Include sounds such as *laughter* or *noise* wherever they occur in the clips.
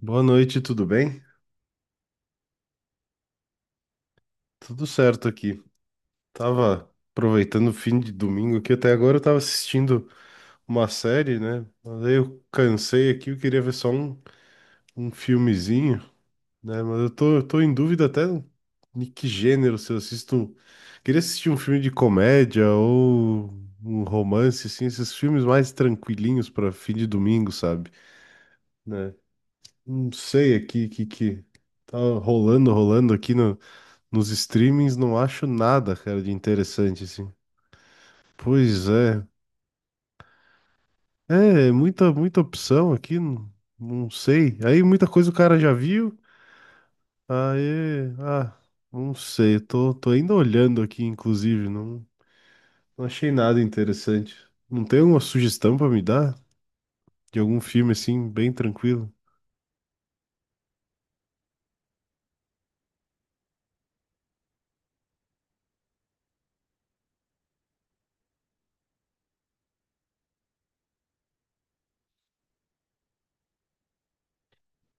Boa noite, tudo bem? Tudo certo aqui. Tava aproveitando o fim de domingo aqui, até agora eu tava assistindo uma série, né? Mas aí eu cansei aqui, eu queria ver só um filmezinho, né? Mas eu tô em dúvida até de que gênero, se eu assisto. Queria assistir um filme de comédia ou um romance, assim, esses filmes mais tranquilinhos pra fim de domingo, sabe? Né? Não sei aqui o que, que tá rolando, rolando aqui nos streamings, não acho nada, cara, de interessante, assim. Pois é. É, muita, muita opção aqui, não, não sei. Aí muita coisa o cara já viu. Aí, ah, não sei. Tô ainda olhando aqui, inclusive. Não, não achei nada interessante. Não tem alguma sugestão pra me dar? De algum filme, assim, bem tranquilo?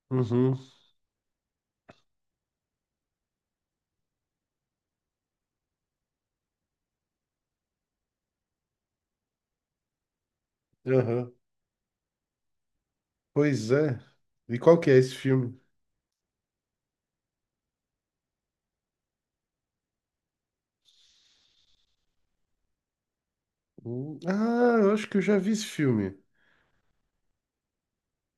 Uhum, aham. Pois é. E qual que é esse filme? Ah, eu acho que eu já vi esse filme.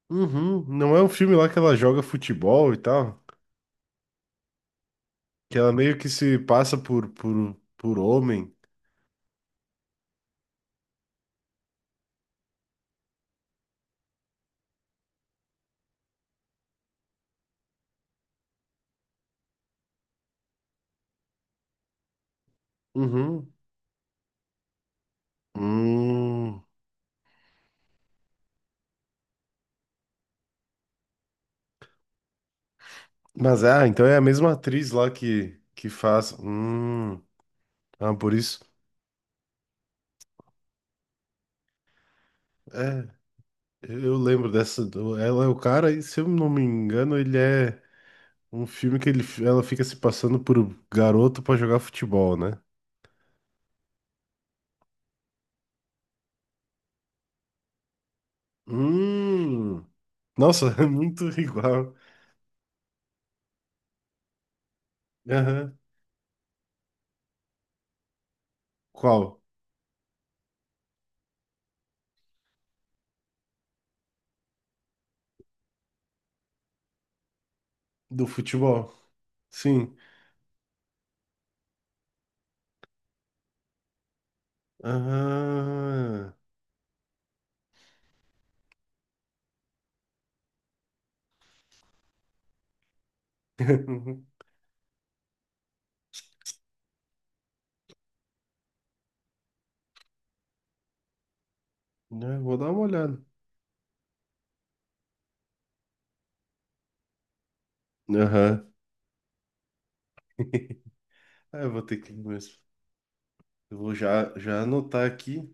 Uhum. Não é um filme lá que ela joga futebol e tal? Que ela meio que se passa por homem. Uhum. Hum. Mas é, ah, então é a mesma atriz lá que faz. Hum. Ah, por isso. É, eu lembro dessa. Ela é o cara, e se eu não me engano, ele é um filme que ele, ela fica se passando por garoto pra jogar futebol, né? Hum. Nossa, *laughs* é muito igual. Aham. Qual? Do futebol. Sim. Ah, *laughs* né, vou dar uma olhada. Aham. *laughs* Ah, eu vou ter que ir mesmo. Eu vou já, já anotar aqui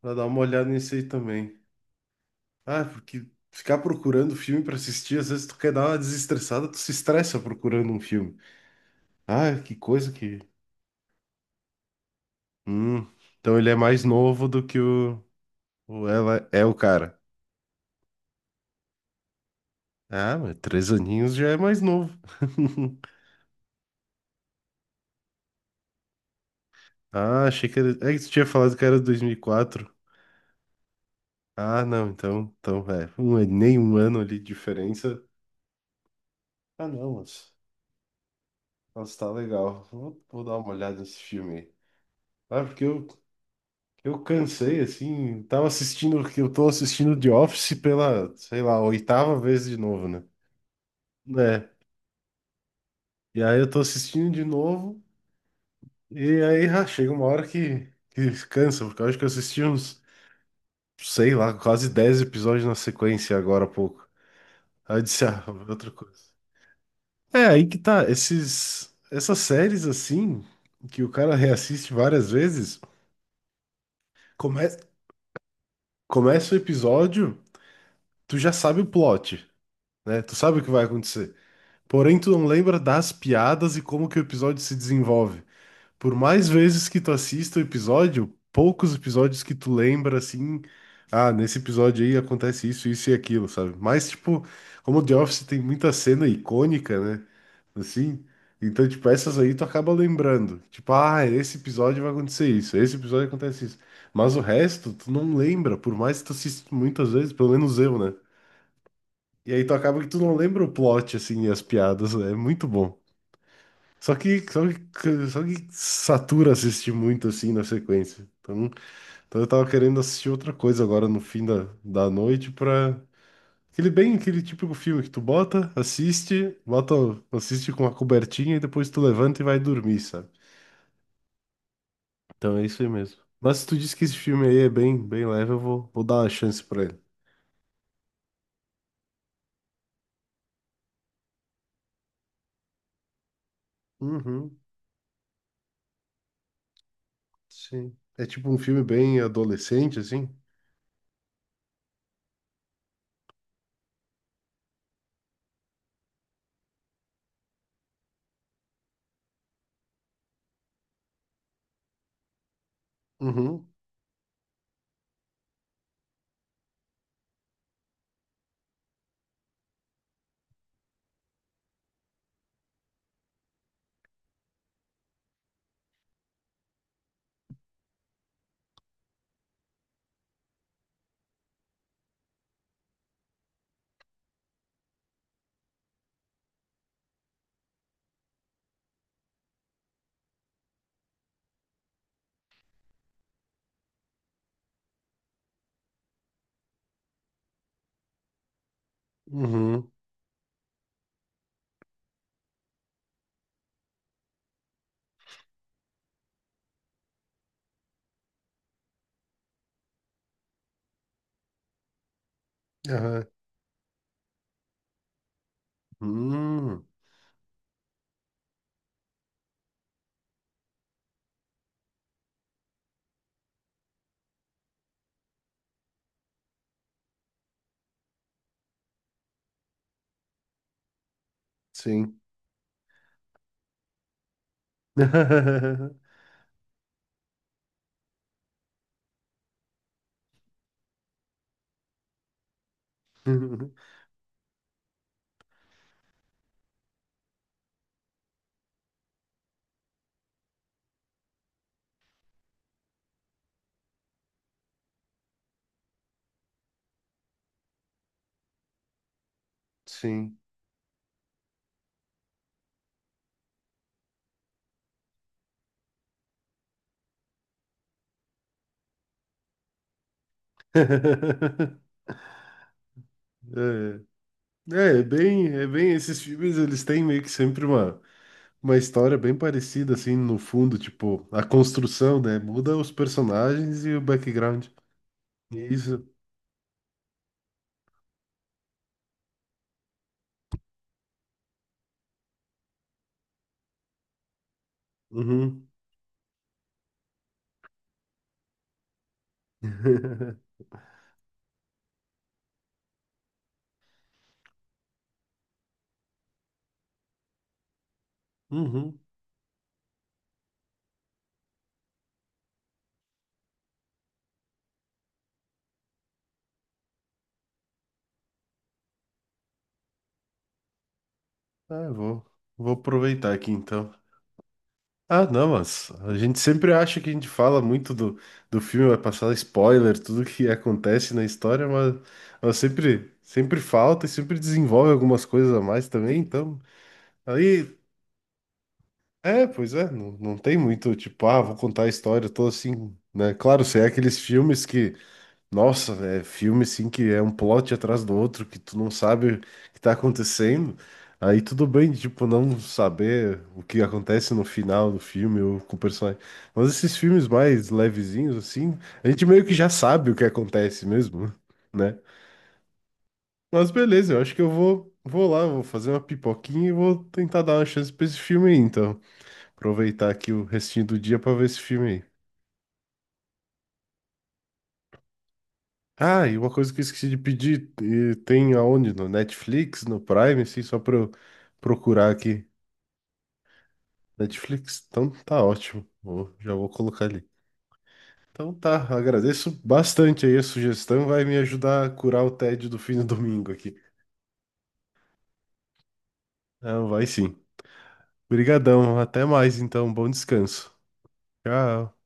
pra dar uma olhada nisso aí também. Ah, porque ficar procurando filme pra assistir, às vezes tu quer dar uma desestressada, tu se estressa procurando um filme. Ah, que coisa que. Hum, então ele é mais novo do que o ela é o cara. Ah, mas 3 aninhos já é mais novo. *laughs* Ah, achei que era. É que tu tinha falado que era 2004. Ah, não, então, é, nem um ano ali de diferença. Ah, não, mas tá legal. Vou dar uma olhada nesse filme aí. Ah, porque eu, cansei, assim, tava assistindo, que eu tô assistindo The Office pela, sei lá, oitava vez de novo, né? É, e aí eu tô assistindo de novo, e aí ah, chega uma hora que, cansa, porque eu acho que eu assisti uns, sei lá, quase 10 episódios na sequência agora há pouco. Aí eu disse, ah, outra coisa. É, aí que tá, esses, essas séries assim, que o cara reassiste várias vezes, come, começa o episódio, tu já sabe o plot, né? Tu sabe o que vai acontecer. Porém, tu não lembra das piadas e como que o episódio se desenvolve. Por mais vezes que tu assista o episódio, poucos episódios que tu lembra assim, ah, nesse episódio aí acontece isso, isso e aquilo, sabe? Mas, tipo, como o The Office tem muita cena icônica, né? Assim. Então, tipo, essas aí tu acaba lembrando. Tipo, ah, esse episódio vai acontecer isso, esse episódio acontece isso. Mas o resto, tu não lembra, por mais que tu assista muitas vezes, pelo menos eu, né? E aí tu acaba que tu não lembra o plot, assim, e as piadas, né? É muito bom. Só que satura assistir muito, assim, na sequência. Então, eu tava querendo assistir outra coisa agora no fim da noite pra, aquele bem, aquele típico filme que tu bota, assiste com uma cobertinha e depois tu levanta e vai dormir, sabe? Então é isso aí mesmo. Mas se tu disse que esse filme aí é bem, bem leve, eu vou, dar uma chance pra ele. Uhum, sim. É tipo um filme bem adolescente, assim? Uhum, uhum, aham, hum, sim. *laughs* Sim. *laughs* É, é é bem, esses filmes eles têm meio que sempre uma história bem parecida, assim, no fundo, tipo, a construção, né? Muda os personagens e o background. Isso. Uhum. *laughs* Uhum. Ah, eu vou, aproveitar aqui então. Ah, não, mas a gente sempre acha que a gente fala muito do filme, vai passar spoiler, tudo que acontece na história, mas sempre, sempre falta e sempre desenvolve algumas coisas a mais também, então. Aí é, pois é, não, não tem muito, tipo, ah, vou contar a história, tô assim, né? Claro, se é aqueles filmes que, nossa, é filme assim que é um plot atrás do outro, que tu não sabe o que tá acontecendo, aí tudo bem, tipo, não saber o que acontece no final do filme ou com o personagem. Mas esses filmes mais levezinhos, assim, a gente meio que já sabe o que acontece mesmo, né? Mas beleza, eu acho que eu vou, lá, vou fazer uma pipoquinha e vou tentar dar uma chance pra esse filme aí, então. Aproveitar aqui o restinho do dia pra ver esse filme aí. Ah, e uma coisa que eu esqueci de pedir, e tem aonde? No Netflix, no Prime, assim, só pra eu procurar aqui. Netflix? Então tá ótimo. Já vou colocar ali. Então tá, agradeço bastante aí a sugestão, vai me ajudar a curar o tédio do fim do domingo aqui. Não, vai sim. Obrigadão, até mais então, bom descanso. Tchau.